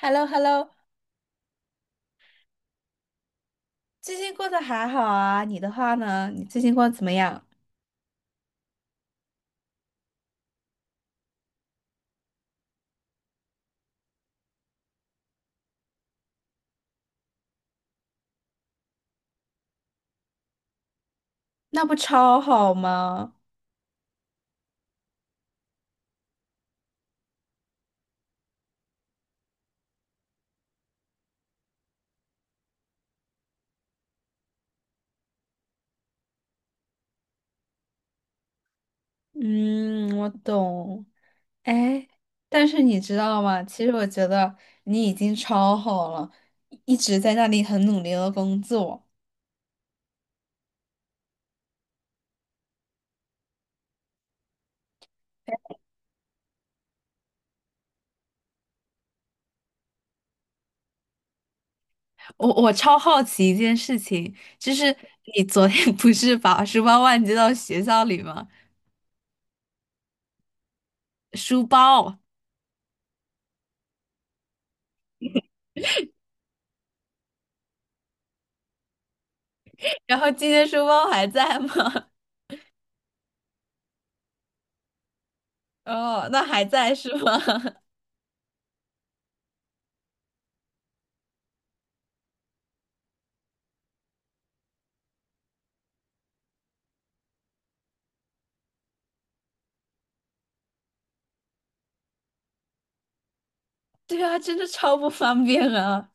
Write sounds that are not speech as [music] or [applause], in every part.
h e l l o h e l l o 最近过得还好啊？你的话呢？你最近过得怎么样？那不超好吗？嗯，我懂。哎，但是你知道吗？其实我觉得你已经超好了，一直在那里很努力的工作。我超好奇一件事情，就是你昨天 [laughs] 不是把书包忘记到学校里吗？书包，然后今天书包还在吗？[laughs] 哦，那还在是吗？[laughs] [laughs] 对啊，真的超不方便啊！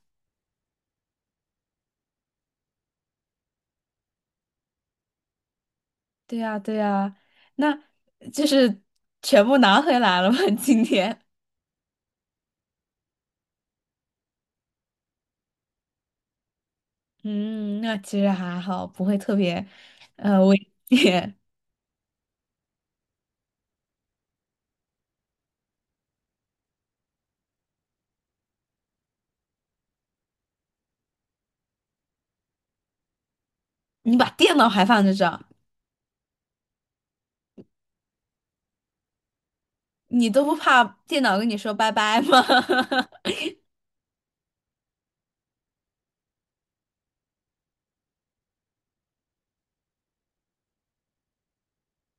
对啊，对啊，那就是全部拿回来了吗？[laughs] 今天？嗯，那其实还好，不会特别危险。[laughs] 你把电脑还放在这儿，你都不怕电脑跟你说拜拜吗？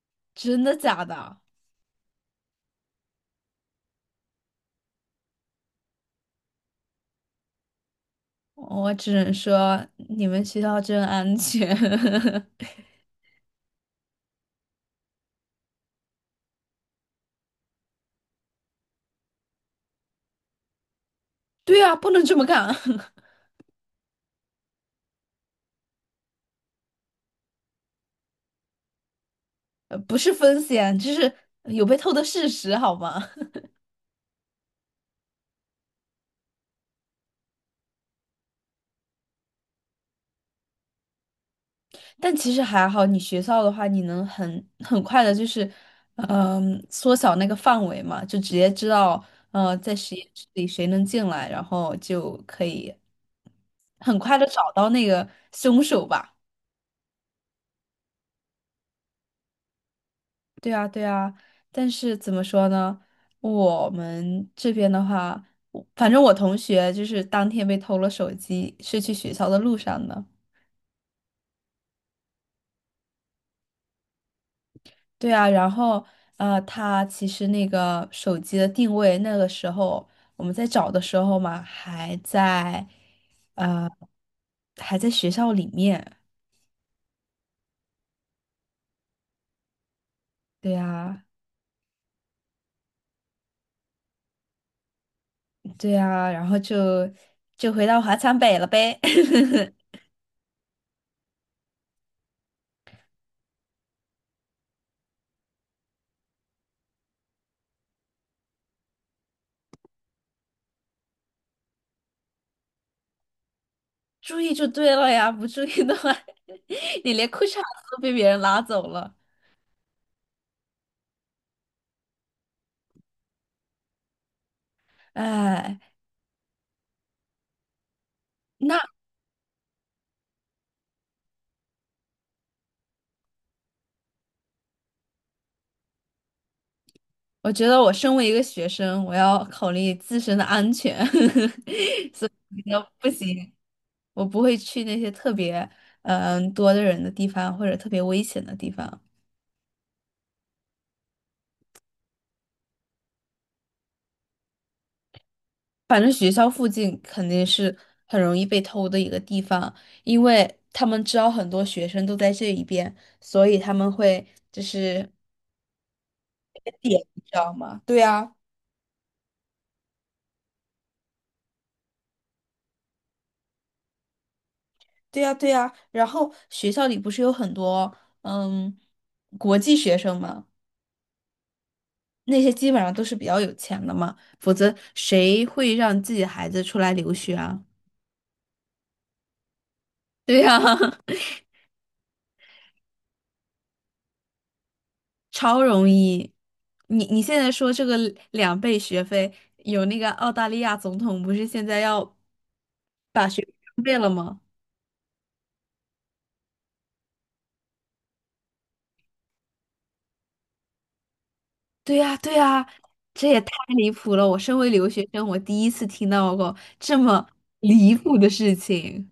[laughs] 真的假的？我只能说你们学校真安全。[laughs] 对啊，不能这么干，[laughs] 不是风险，就是有被偷的事实，好吗？但其实还好，你学校的话，你能很快的，就是，嗯、缩小那个范围嘛，就直接知道，在实验室里谁能进来，然后就可以很快的找到那个凶手吧。对啊，对啊。但是怎么说呢？我们这边的话，我反正我同学就是当天被偷了手机，是去学校的路上的。对啊，然后他其实那个手机的定位，那个时候我们在找的时候嘛，还在呃还在学校里面。对啊，对啊，然后就回到华强北了呗。[laughs] 注意就对了呀，不注意的话，[laughs] 你连裤衩子都被别人拉走了。哎，那我觉得我身为一个学生，我要考虑自身的安全，[laughs] 所以我觉得不行。我不会去那些特别多的人的地方或者特别危险的地方。反正学校附近肯定是很容易被偷的一个地方，因为他们知道很多学生都在这一边，所以他们会就是点，你知道吗？对呀对呀对呀，然后学校里不是有很多嗯国际学生嘛，那些基本上都是比较有钱的嘛，否则谁会让自己的孩子出来留学啊？[laughs] 对呀、[laughs] 超容易。你现在说这个两倍学费，有那个澳大利亚总统不是现在要把学费两倍了吗？对呀，对呀，这也太离谱了！我身为留学生，我第一次听到过这么离谱的事情。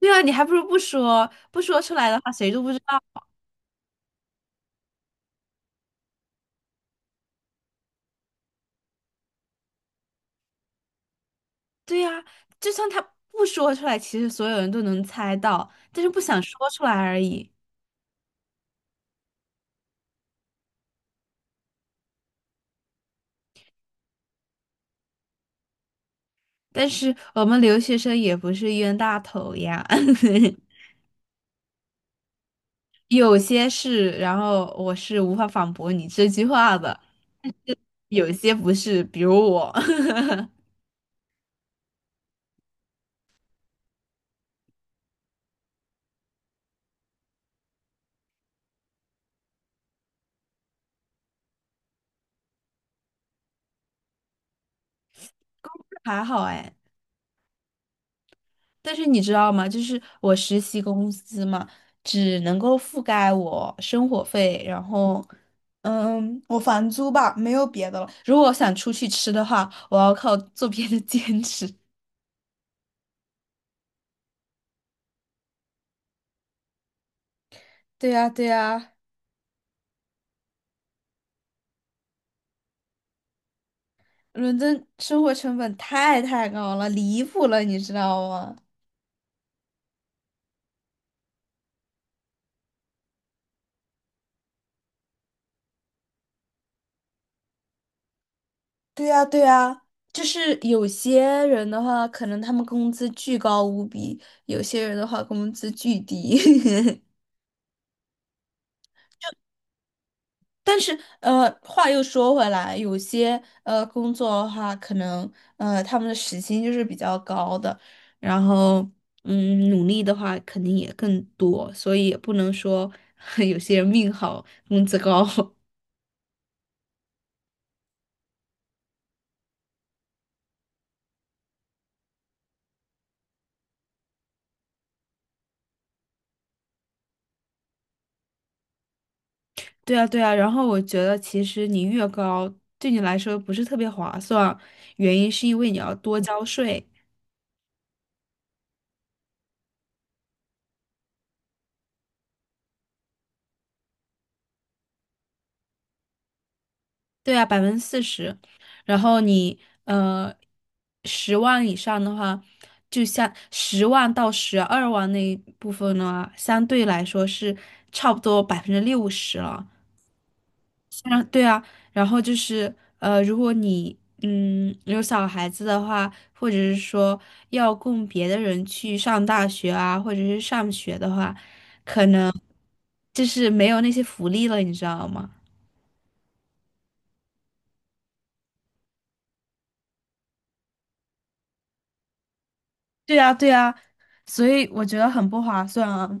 对啊，你还不如不说，不说出来的话，谁都不知道。对呀，就算他不说出来，其实所有人都能猜到，但是不想说出来而已。但是我们留学生也不是冤大头呀。[laughs] 有些是，然后我是无法反驳你这句话的，但是有些不是，比如我，[laughs] 还好哎。但是你知道吗？就是我实习公司嘛，只能够覆盖我生活费，然后，我房租吧，没有别的了。如果我想出去吃的话，我要靠做别的兼职。[laughs] 对呀，对呀，伦敦生活成本太高了，离谱了，你知道吗？对呀，对呀，就是有些人的话，可能他们工资巨高无比；有些人的话，工资巨低。[laughs] 但是，话又说回来，有些工作的话，可能他们的时薪就是比较高的，然后努力的话肯定也更多，所以也不能说 [laughs] 有些人命好，工资高。[laughs] 对啊，对啊，然后我觉得其实你越高，对你来说不是特别划算，原因是因为你要多交税。对啊，40%，然后你呃十万以上的话，就像十万到12万那一部分呢，相对来说是差不多60%了。然后对啊，然后就是如果你有小孩子的话，或者是说要供别的人去上大学啊，或者是上学的话，可能就是没有那些福利了，你知道吗？对啊，对啊，所以我觉得很不划算啊。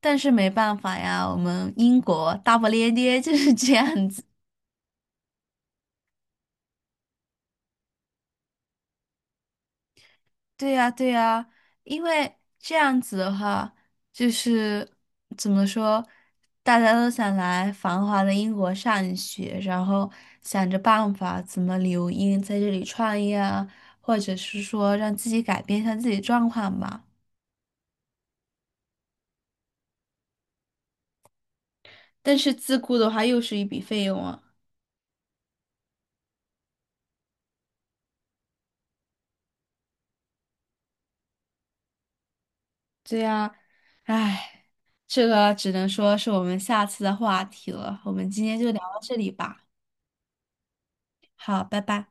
但是没办法呀，我们英国大不列颠就是这样子。对呀，对呀，因为这样子的话，就是怎么说，大家都想来繁华的英国上学，然后想着办法怎么留英，在这里创业啊，或者是说让自己改变一下自己状况吧。但是自雇的话，又是一笔费用啊。对呀，唉，这个只能说是我们下次的话题了。我们今天就聊到这里吧。好，拜拜。